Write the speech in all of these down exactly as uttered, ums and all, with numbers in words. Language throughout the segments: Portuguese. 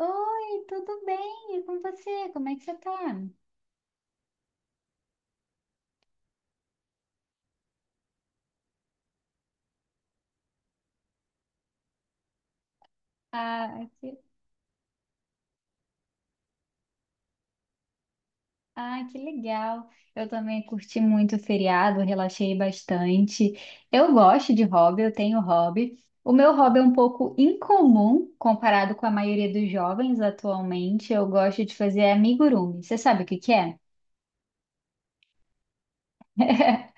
Oi, tudo bem? E com você? Como é que você tá? Ah, que, ah, que legal. Eu também curti muito o feriado, relaxei bastante. Eu gosto de hobby, eu tenho hobby. O meu hobby é um pouco incomum comparado com a maioria dos jovens atualmente. Eu gosto de fazer amigurumi. Você sabe o que que é?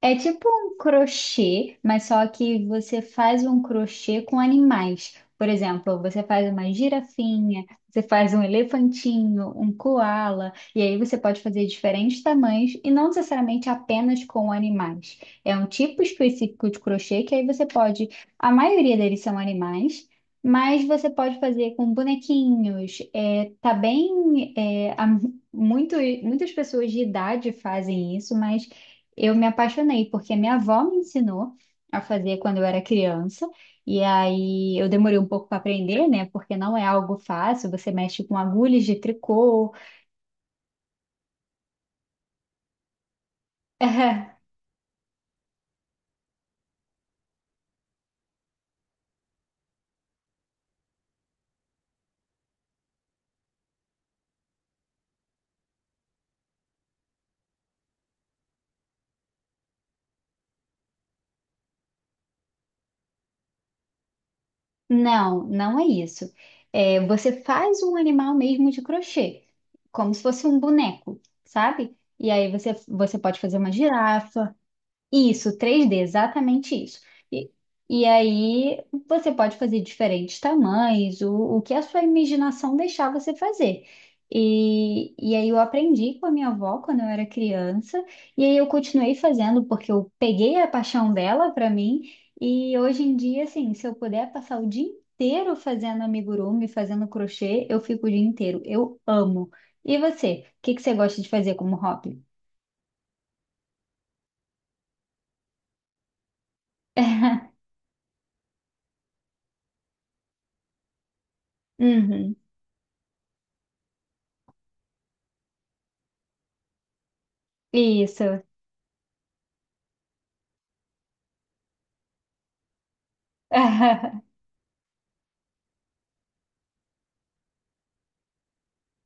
É tipo um crochê, mas só que você faz um crochê com animais. Por exemplo, você faz uma girafinha, você faz um elefantinho, um coala. e aí você pode fazer diferentes tamanhos e não necessariamente apenas com animais. É um tipo específico de crochê que aí você pode, a maioria deles são animais, mas você pode fazer com bonequinhos. É, tá bem, é, há mu- muito, muitas pessoas de idade fazem isso, mas eu me apaixonei porque minha avó me ensinou a fazer quando eu era criança. E aí eu demorei um pouco para aprender, né? Porque não é algo fácil, você mexe com agulhas de tricô. Não, não é isso. É, você faz um animal mesmo de crochê, como se fosse um boneco, sabe? E aí você, você pode fazer uma girafa. Isso, três d, exatamente isso. E, e aí você pode fazer diferentes tamanhos, o, o que a sua imaginação deixar você fazer. E, e aí eu aprendi com a minha avó quando eu era criança, e aí eu continuei fazendo porque eu peguei a paixão dela para mim, e hoje em dia, assim, se eu puder passar o dia inteiro fazendo amigurumi, fazendo crochê, eu fico o dia inteiro. Eu amo. E você? O que que você gosta de fazer como hobby? Uhum. Isso.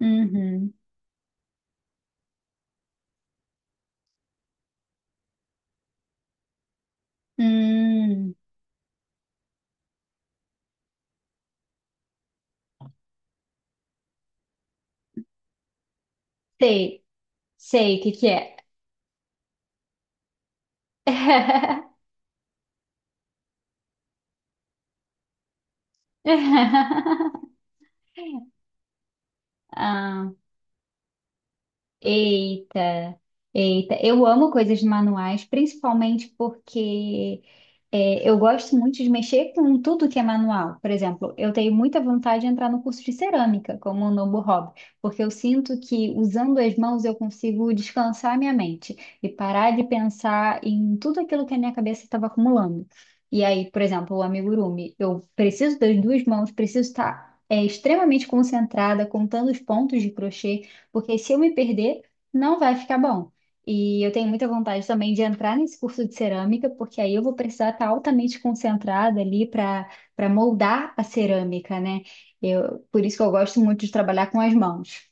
Uhum. Hum. Sei, sei o que que é. Ah, eita, eita. Eu amo coisas manuais, principalmente porque É, eu gosto muito de mexer com tudo que é manual. Por exemplo, eu tenho muita vontade de entrar no curso de cerâmica, como um novo hobby, porque eu sinto que usando as mãos eu consigo descansar a minha mente e parar de pensar em tudo aquilo que a minha cabeça estava acumulando. E aí, por exemplo, o amigurumi, eu preciso das duas mãos, preciso estar, é, extremamente concentrada, contando os pontos de crochê, porque se eu me perder, não vai ficar bom. E eu tenho muita vontade também de entrar nesse curso de cerâmica, porque aí eu vou precisar estar altamente concentrada ali para para moldar a cerâmica, né? Eu, por isso que eu gosto muito de trabalhar com as mãos.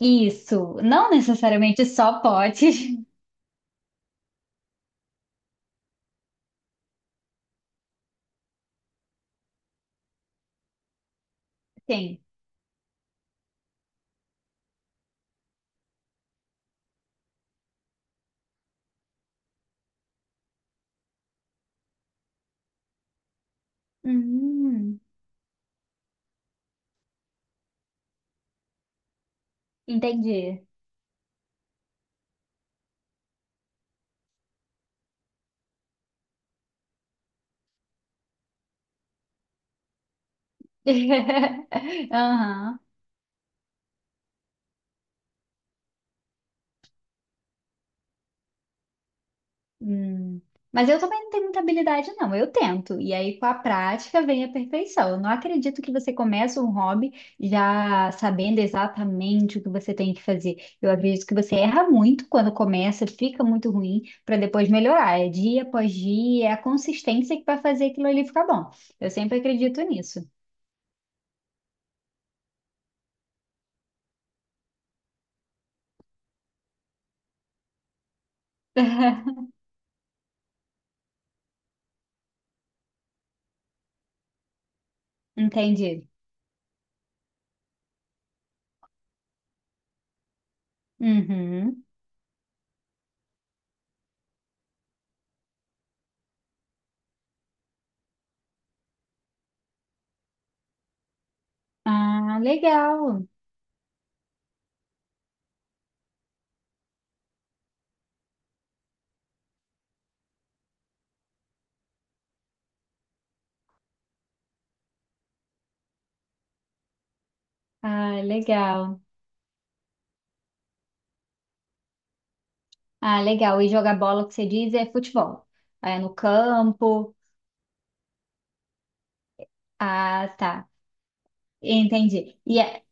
Isso, não necessariamente só potes. Sim. Hum, entendi. Aham. Hum. Mas eu também não tenho muita habilidade, não. Eu tento. E aí, com a prática, vem a perfeição. Eu não acredito que você começa um hobby já sabendo exatamente o que você tem que fazer. Eu acredito que você erra muito quando começa, fica muito ruim, para depois melhorar. É dia após dia, é a consistência que vai fazer aquilo ali ficar bom. Eu sempre acredito nisso. Entendi. Uhum. Ah, legal. Ah, legal. Ah, legal. E jogar bola, o que você diz, é futebol. É no campo. Ah, tá. Entendi. E, é,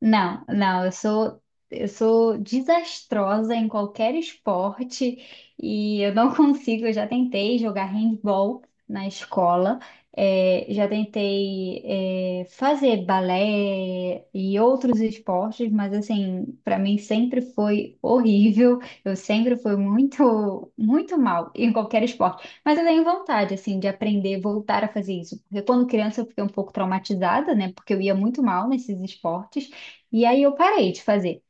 Não, não, eu sou eu sou desastrosa em qualquer esporte e eu não consigo. Eu já tentei jogar handball na escola, eh, já tentei eh, fazer balé e outros esportes, mas assim, para mim sempre foi horrível. Eu sempre fui muito muito mal em qualquer esporte. Mas eu tenho vontade assim de aprender, voltar a fazer isso, porque quando criança eu fiquei um pouco traumatizada, né? Porque eu ia muito mal nesses esportes. E aí eu parei de fazer.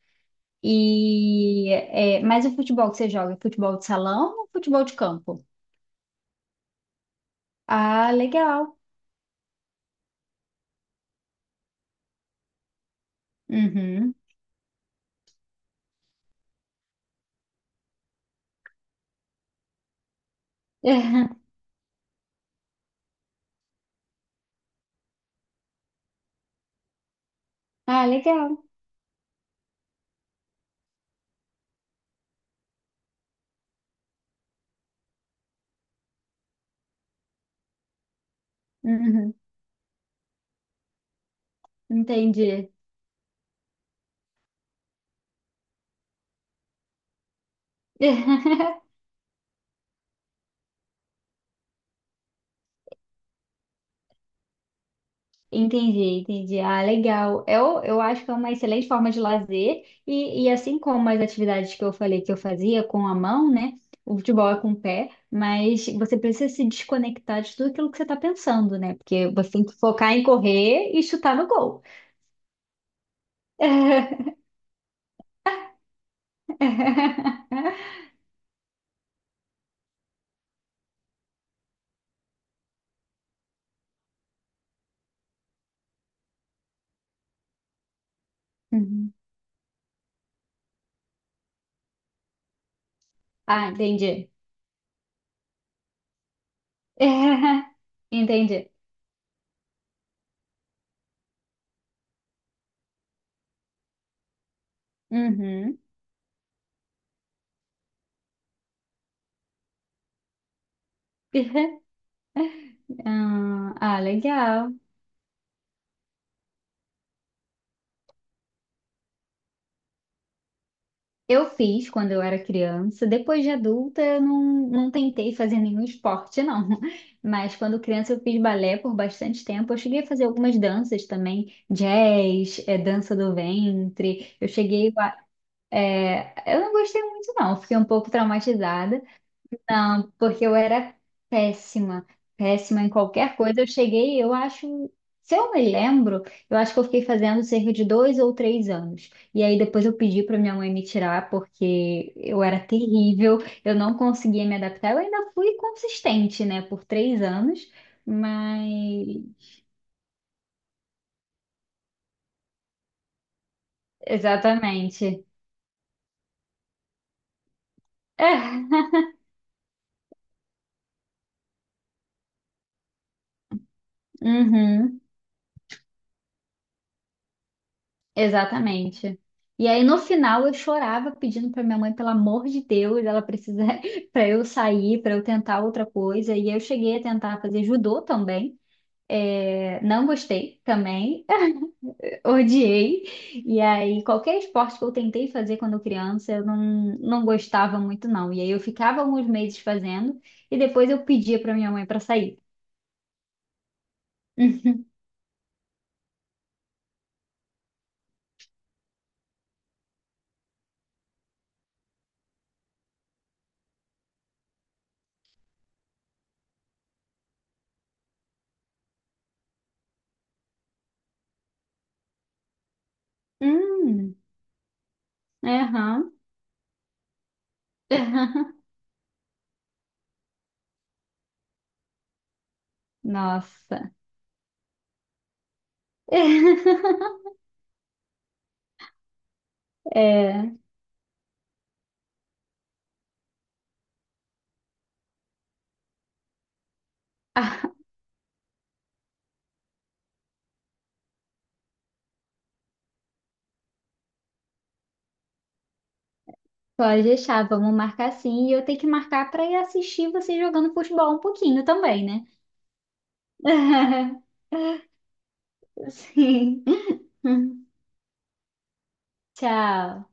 E é, mas o futebol que você joga, é futebol de salão ou futebol de campo? Ah, legal. Uhum. Ah, legal. Uhum. Entendi. Entendi, entendi. Ah, legal. Eu, eu acho que é uma excelente forma de lazer, e, e assim como as atividades que eu falei que eu fazia com a mão, né? O futebol é com o pé, mas você precisa se desconectar de tudo aquilo que você está pensando, né? Porque você tem que focar em correr e chutar no gol. Uhum. Ah, entendi. Entendi. Uhum. Ah, ah, legal. Eu fiz quando eu era criança. Depois de adulta, eu não, não tentei fazer nenhum esporte, não. Mas quando criança, eu fiz balé por bastante tempo. Eu cheguei a fazer algumas danças também, jazz, eh, dança do ventre. Eu cheguei a. Eh, eu não gostei muito, não. Fiquei um pouco traumatizada. Não, porque eu era péssima, péssima em qualquer coisa. Eu cheguei, eu acho, se eu me lembro, eu acho que eu fiquei fazendo cerca de dois ou três anos. E aí depois eu pedi para minha mãe me tirar, porque eu era terrível, eu não conseguia me adaptar. Eu ainda fui consistente, né, por três anos, mas. Exatamente. É. Uhum. Exatamente. E aí no final eu chorava pedindo para minha mãe, pelo amor de Deus, ela precisa para eu sair, para eu tentar outra coisa. E eu cheguei a tentar fazer judô também. É, não gostei também, odiei. E aí qualquer esporte que eu tentei fazer quando criança, eu não, não gostava muito não. E aí eu ficava alguns meses fazendo e depois eu pedia para minha mãe para sair. Hum, aham. Nossa. É. Pode deixar, vamos marcar sim. E eu tenho que marcar para ir assistir você jogando futebol um pouquinho também, né? Sim. Tchau.